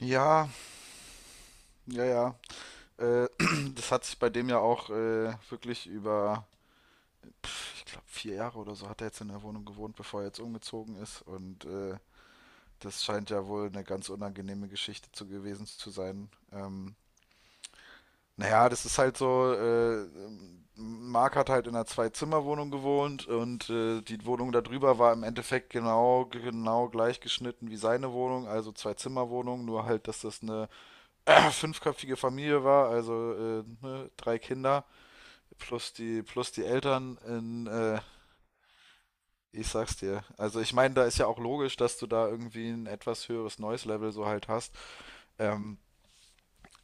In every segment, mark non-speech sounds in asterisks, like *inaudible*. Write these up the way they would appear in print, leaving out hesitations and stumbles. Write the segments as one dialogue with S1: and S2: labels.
S1: Ja, ja, ja. Äh, *clears throat* das hat sich bei dem ja auch wirklich über, ich glaube, 4 Jahre oder so hat er jetzt in der Wohnung gewohnt, bevor er jetzt umgezogen ist. Und das scheint ja wohl eine ganz unangenehme Geschichte zu gewesen zu sein. Naja, das ist halt so, Marc hat halt in einer Zwei-Zimmer-Wohnung gewohnt und die Wohnung da drüber war im Endeffekt genau gleich geschnitten wie seine Wohnung, also Zwei-Zimmer-Wohnung, nur halt, dass das eine *clears throat* fünfköpfige Familie war, also ne, drei Kinder plus die Eltern ich sag's dir. Also ich meine, da ist ja auch logisch, dass du da irgendwie ein etwas höheres Noise Level so halt hast. Ähm,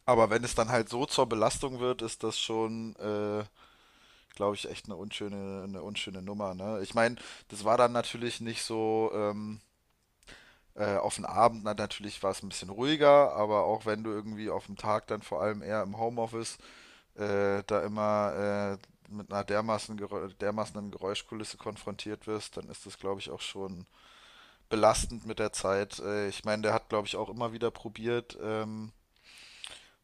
S1: aber wenn es dann halt so zur Belastung wird, ist das schon, glaube ich, echt eine unschöne Nummer. Ne? Ich meine, das war dann natürlich nicht so auf den Abend, na, natürlich war es ein bisschen ruhiger, aber auch wenn du irgendwie auf dem Tag dann vor allem eher im Homeoffice da immer mit einer dermaßenen Geräuschkulisse konfrontiert wirst, dann ist das, glaube ich, auch schon belastend mit der Zeit. Ich meine, der hat, glaube ich, auch immer wieder probiert,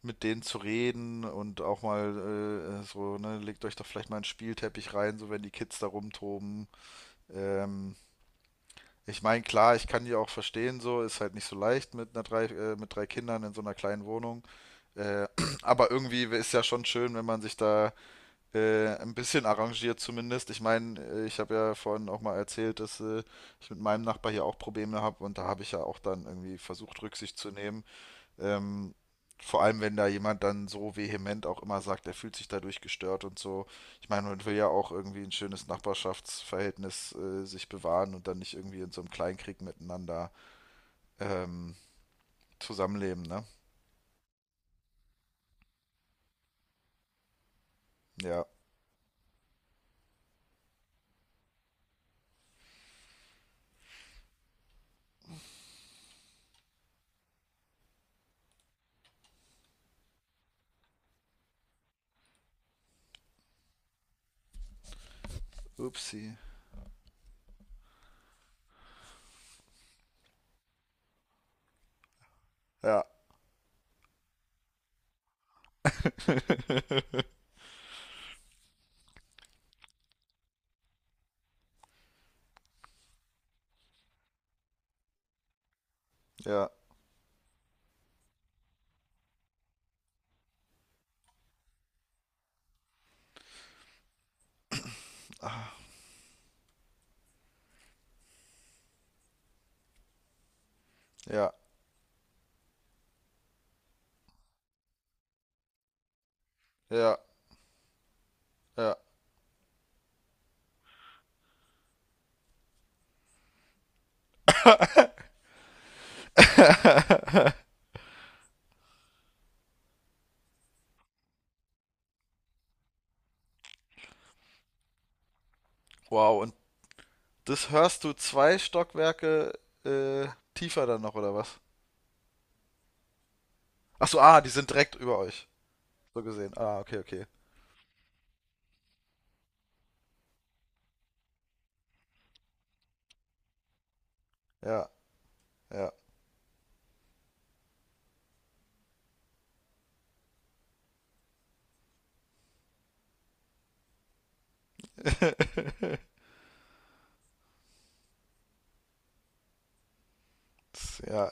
S1: mit denen zu reden und auch mal so, ne, legt euch doch vielleicht mal einen Spielteppich rein, so wenn die Kids da rumtoben. Ähm, Ich meine, klar, ich kann die auch verstehen, so ist halt nicht so leicht mit drei Kindern in so einer kleinen Wohnung. Äh, *clears throat* aber irgendwie ist ja schon schön, wenn man sich da ein bisschen arrangiert zumindest. Ich meine, ich habe ja vorhin auch mal erzählt, dass ich mit meinem Nachbar hier auch Probleme habe und da habe ich ja auch dann irgendwie versucht, Rücksicht zu nehmen. Ähm, Vor allem, wenn da jemand dann so vehement auch immer sagt, er fühlt sich dadurch gestört und so. Ich meine, man will ja auch irgendwie ein schönes Nachbarschaftsverhältnis sich bewahren und dann nicht irgendwie in so einem Kleinkrieg miteinander ähm, zusammenleben, ne? Ja. Upsi. Ja, ja, ja, ja, ja. Wow, und das hörst du 2 Stockwerke äh, tiefer dann noch, oder was? Achso, ah, die sind direkt über euch. So gesehen. Ah, okay, okay. Ja, ja. *laughs* Ja,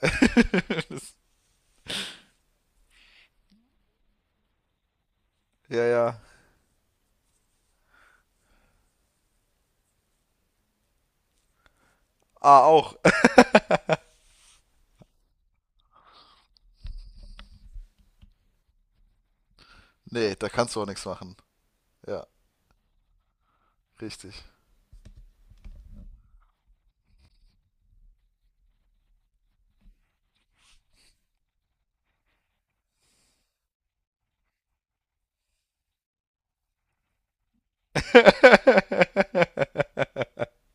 S1: ja, ja. Ah, auch. Nee, da kannst du auch nichts machen. Ja, richtig. *laughs*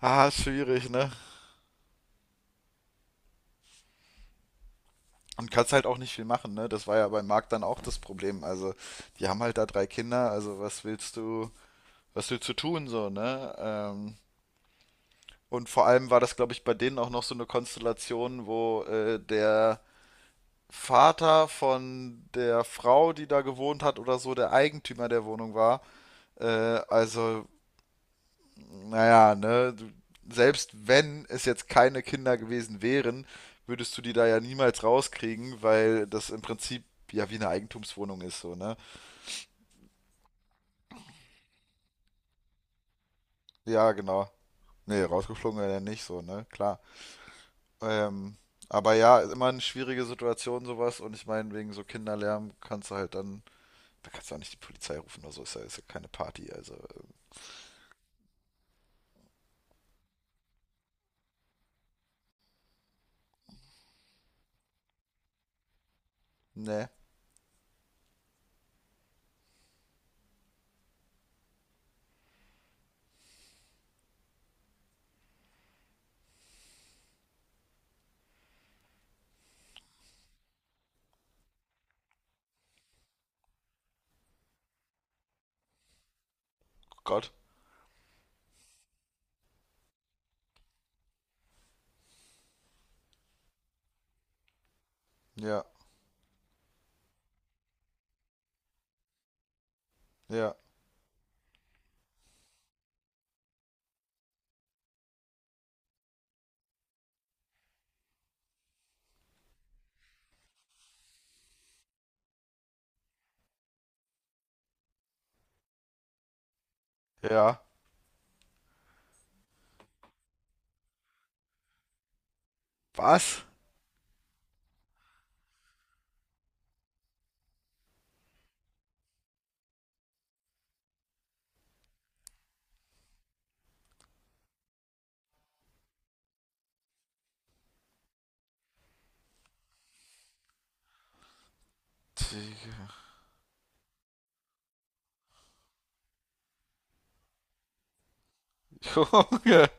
S1: Ah, schwierig, ne? Und kannst halt auch nicht viel machen, ne? Das war ja beim Markt dann auch das Problem. Also, die haben halt da drei Kinder, also was willst du tun, so, ne? Und vor allem war das, glaube ich, bei denen auch noch so eine Konstellation, wo der Vater von der Frau, die da gewohnt hat oder so, der Eigentümer der Wohnung war. Äh, also, naja, ne, selbst wenn es jetzt keine Kinder gewesen wären, würdest du die da ja niemals rauskriegen, weil das im Prinzip ja wie eine Eigentumswohnung ist, so, ne? Ja, genau. Nee, rausgeflogen wäre er nicht, so, ne? Klar. Ähm, aber ja, ist immer eine schwierige Situation sowas und ich meine, wegen so Kinderlärm kannst du halt dann, da kannst du auch nicht die Polizei rufen oder so, ist ja keine Party, also, ne, Gott, ja, ja, ja, was? *laughs* Junge,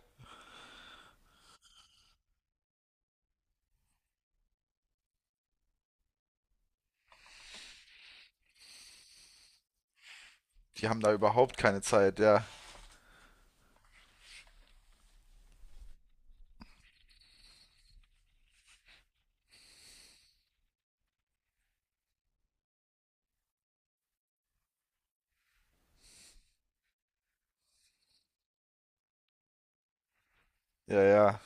S1: die haben da überhaupt keine Zeit, ja, ja, ja.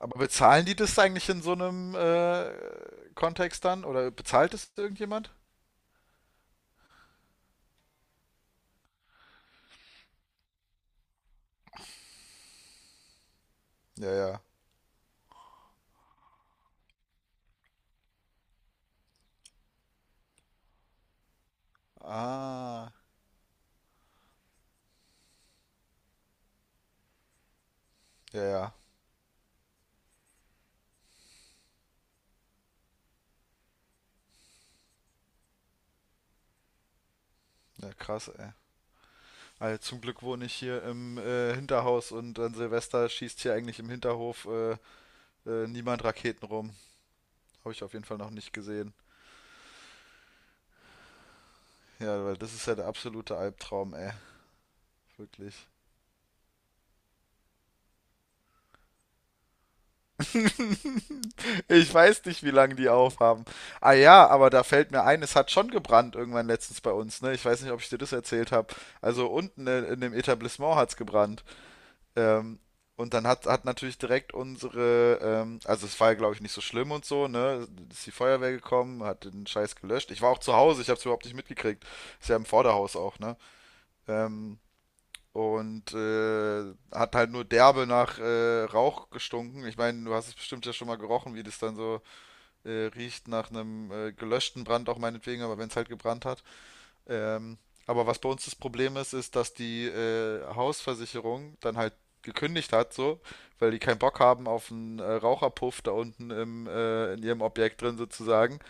S1: Aber bezahlen die das eigentlich in so einem Kontext dann oder bezahlt es irgendjemand? Ja, ja, ah, ja, ja, ja, krass, ey. Also zum Glück wohne ich hier im Hinterhaus und an Silvester schießt hier eigentlich im Hinterhof niemand Raketen rum. Habe ich auf jeden Fall noch nicht gesehen. Ja, weil das ist ja der absolute Albtraum, ey. Wirklich. Ich weiß nicht, wie lange die aufhaben. Ah ja, aber da fällt mir ein, es hat schon gebrannt irgendwann letztens bei uns, ne? Ich weiß nicht, ob ich dir das erzählt habe. Also unten in dem Etablissement hat's gebrannt. Ähm, und dann hat natürlich direkt unsere, also es war ja, glaube ich, nicht so schlimm und so, ne? Ist die Feuerwehr gekommen, hat den Scheiß gelöscht. Ich war auch zu Hause, ich habe es überhaupt nicht mitgekriegt. Ist ja im Vorderhaus auch, ne? Ähm, und hat halt nur derbe nach Rauch gestunken. Ich meine, du hast es bestimmt ja schon mal gerochen, wie das dann so riecht nach einem gelöschten Brand auch meinetwegen, aber wenn es halt gebrannt hat. Ähm, aber was bei uns das Problem ist, ist, dass die Hausversicherung dann halt gekündigt hat, so, weil die keinen Bock haben auf einen Raucherpuff da unten in ihrem Objekt drin sozusagen.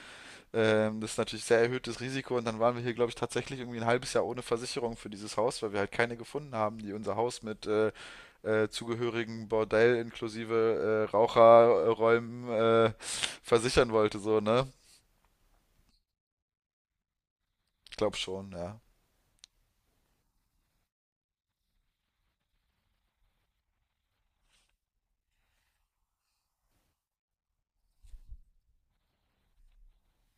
S1: Das ist natürlich sehr erhöhtes Risiko und dann waren wir hier, glaube ich, tatsächlich irgendwie ein halbes Jahr ohne Versicherung für dieses Haus, weil wir halt keine gefunden haben, die unser Haus mit zugehörigen Bordell inklusive Raucherräumen versichern wollte, so, ne? Ich glaube schon, ja.